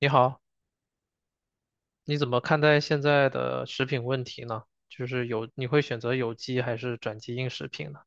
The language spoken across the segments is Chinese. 你好，你怎么看待现在的食品问题呢？就是有，你会选择有机还是转基因食品呢？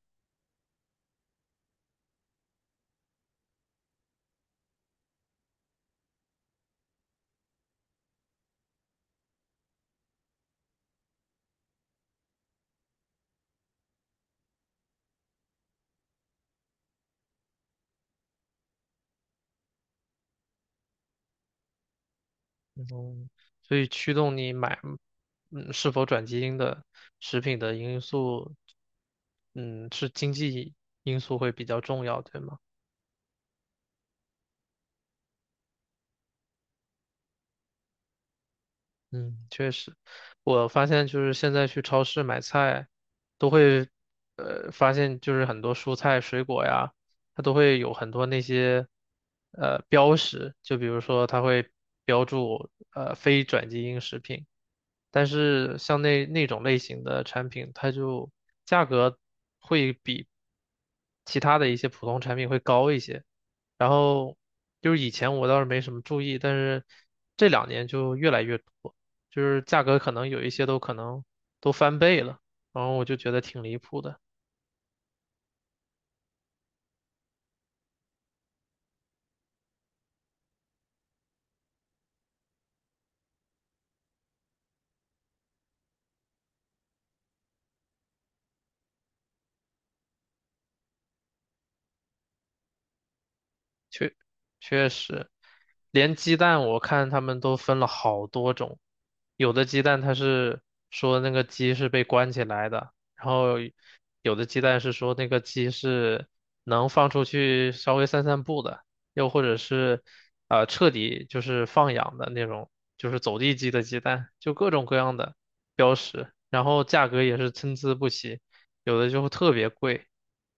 嗯，所以驱动你买，嗯，是否转基因的食品的因素，嗯，是经济因素会比较重要，对吗？嗯，确实，我发现就是现在去超市买菜，都会，发现就是很多蔬菜、水果呀，它都会有很多那些，标识，就比如说它会标注，非转基因食品，但是像那种类型的产品，它就价格会比其他的一些普通产品会高一些。然后就是以前我倒是没什么注意，但是这两年就越来越多。就是价格可能有一些都可能都翻倍了，然后我就觉得挺离谱的。确确实，连鸡蛋我看他们都分了好多种，有的鸡蛋它是说那个鸡是被关起来的，然后有的鸡蛋是说那个鸡是能放出去稍微散散步的，又或者是彻底就是放养的那种，就是走地鸡的鸡蛋，就各种各样的标识，然后价格也是参差不齐，有的就特别贵。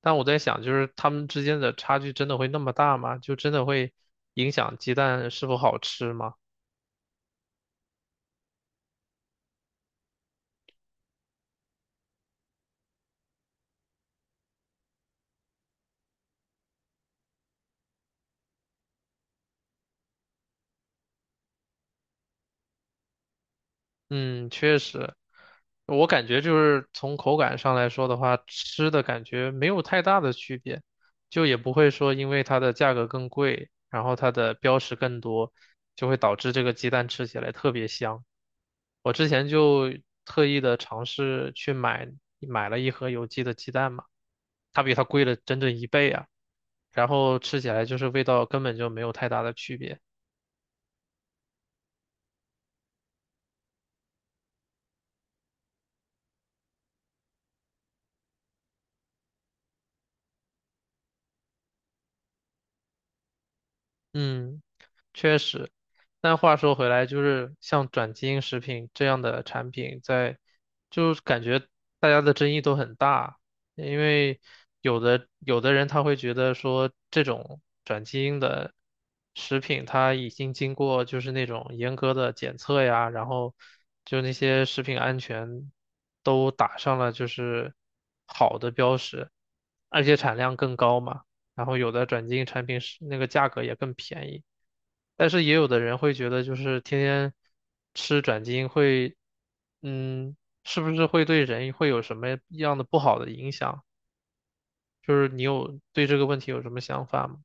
但我在想，就是它们之间的差距真的会那么大吗？就真的会影响鸡蛋是否好吃吗？嗯，确实，我感觉就是从口感上来说的话，吃的感觉没有太大的区别，就也不会说因为它的价格更贵，然后它的标识更多，就会导致这个鸡蛋吃起来特别香。我之前就特意的尝试去买了一盒有机的鸡蛋嘛，它比它贵了整整一倍啊。然后吃起来就是味道根本就没有太大的区别。嗯，确实。但话说回来，就是像转基因食品这样的产品在，就是感觉大家的争议都很大，因为有的人他会觉得说这种转基因的食品，它已经经过就是那种严格的检测呀，然后就那些食品安全都打上了就是好的标识，而且产量更高嘛。然后有的转基因产品是那个价格也更便宜，但是也有的人会觉得就是天天吃转基因会，嗯，是不是会对人会有什么样的不好的影响？就是你有对这个问题有什么想法吗？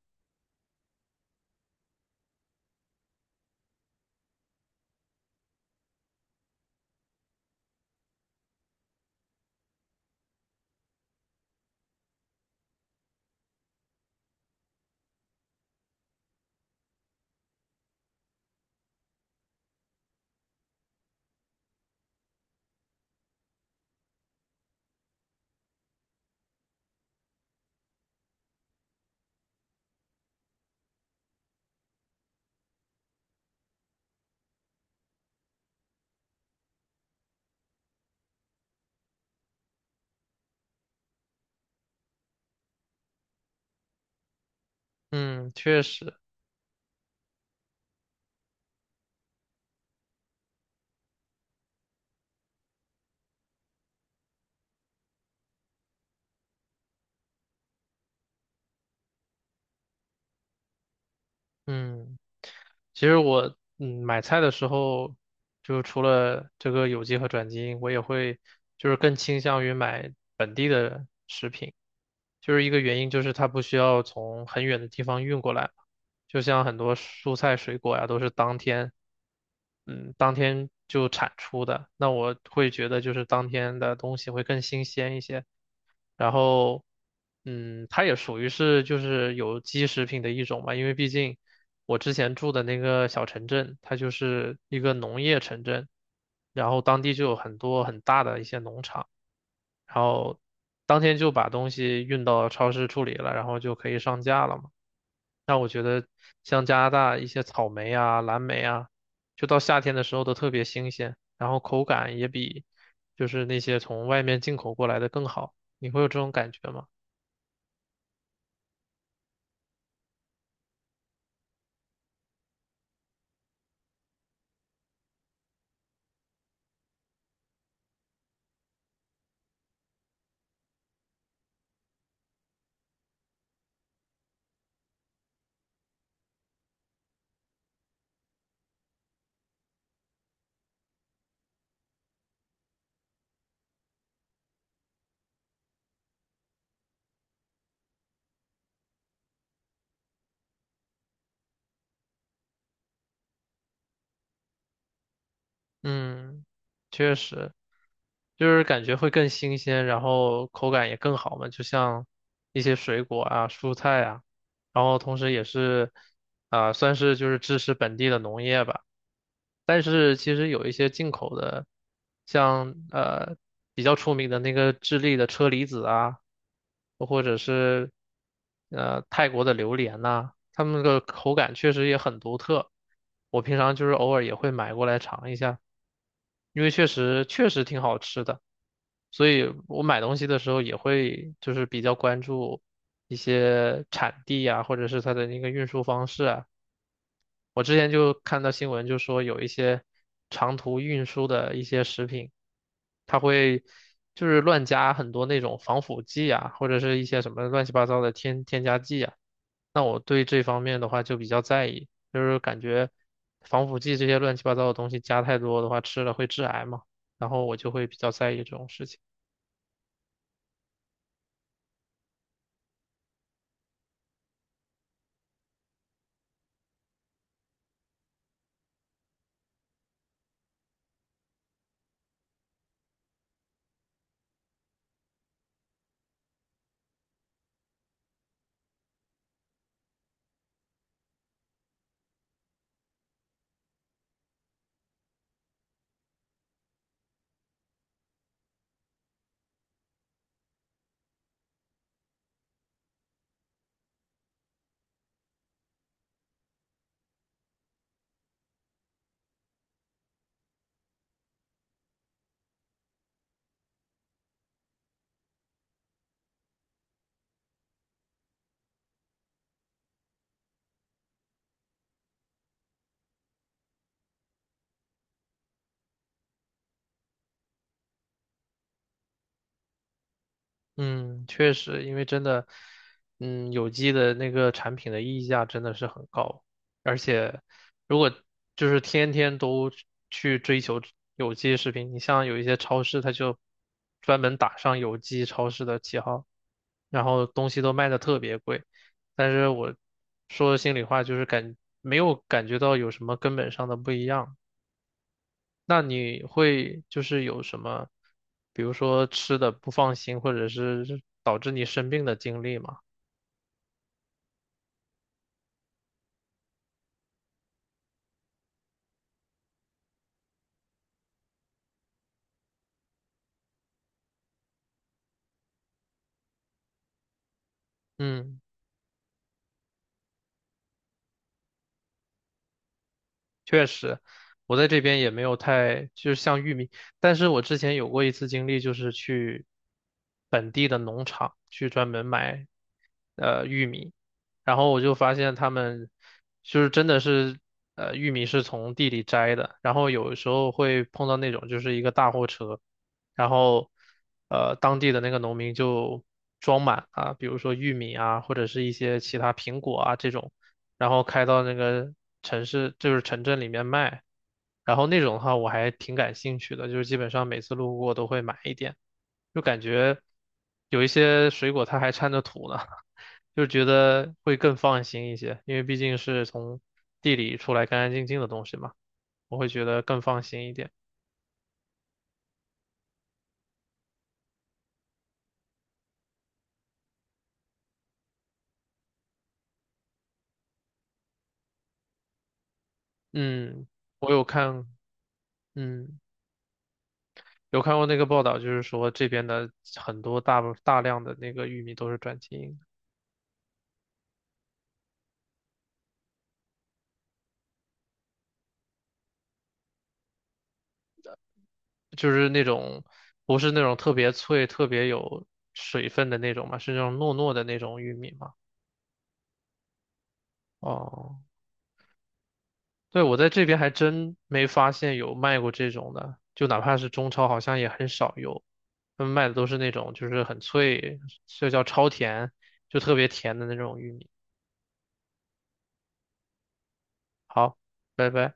嗯，确实，嗯，其实我嗯买菜的时候，就除了这个有机和转基因，我也会就是更倾向于买。本地的。就是一个原因就是它不需要从很远的地方运过来，就像很多蔬菜水果呀都是当天，嗯，当天就产出的。那我会觉得就是当天的东西会更新鲜一些，然后，嗯，它也属于是就是有机食品的一种嘛，因为毕竟。我之前住的那个小城镇，它就是一个农业城镇，然后当地就有很多很大的一些农场，然后当天就把东西运到超市处理了，然后就可以上架了嘛。那我觉得像加拿大一些草莓啊、蓝莓啊，就到夏天的时候都特别新鲜，然后口感也比就是那些从外面进口过来的更好。你会有这种感觉吗？嗯，确实，就是感觉会更新鲜，然后口感也更好嘛，就像一些水果啊、蔬菜啊，然后同时也是，啊、算是就是支持本地的农业吧。但是其实有一些进口的，像比较出名的那个智利的车厘子啊，或者是泰国的榴莲呐、它们的口感确实也很独特。我平常就是偶尔也会买过来尝一下，因为确实挺好吃的，所以我买东西的时候也会就是比较关注一些产地啊，或者是它的那个运输方式啊。我之前就看到新闻，就说有一些长途运输的一些食品，它会就是乱加很多那种防腐剂啊，或者是一些什么乱七八糟的添加剂啊。那我对这方面的话就比较在意，就是感觉防腐剂这些乱七八糟的东西加太多的话，吃了会致癌嘛，然后我就会比较在意这种事情。嗯，确实，因为真的，嗯，有机的那个产品的溢价真的是很高，而且如果就是天天都去追求有机食品，你像有一些超市，它就专门打上有机超市的旗号，然后东西都卖的特别贵，但是我说心里话，就是没有感觉到有什么根本上的不一样。那你会就是有什么，比如说吃的不放心，或者是导致你生病的经历吗？嗯。确实，我在这边也没有太，就是像玉米，但是我之前有过一次经历，就是去本地的农场去专门买玉米，然后我就发现他们就是真的是玉米是从地里摘的，然后有时候会碰到那种就是一个大货车，然后当地的那个农民就装满啊，比如说玉米啊，或者是一些其他苹果啊这种。然后开到那个城市，就是城镇里面卖。然后那种的话，我还挺感兴趣的，就是基本上每次路过都会买一点，就感觉有一些水果它还掺着土呢，就觉得会更放心一些，因为毕竟是从地里出来干干净净的东西嘛，我会觉得更放心一点。嗯，我有看，嗯，有看过那个报道，就是说这边的很多大量的那个玉米都是转基因的。就是那种不是那种特别脆、特别有水分的那种嘛，是那种糯糯的那种玉米嘛。哦，对，我在这边还真没发现有卖过这种的，就哪怕是中超，好像也很少有。他们卖的都是那种就是很脆，就叫超甜，就特别甜的那种玉米。好，拜拜。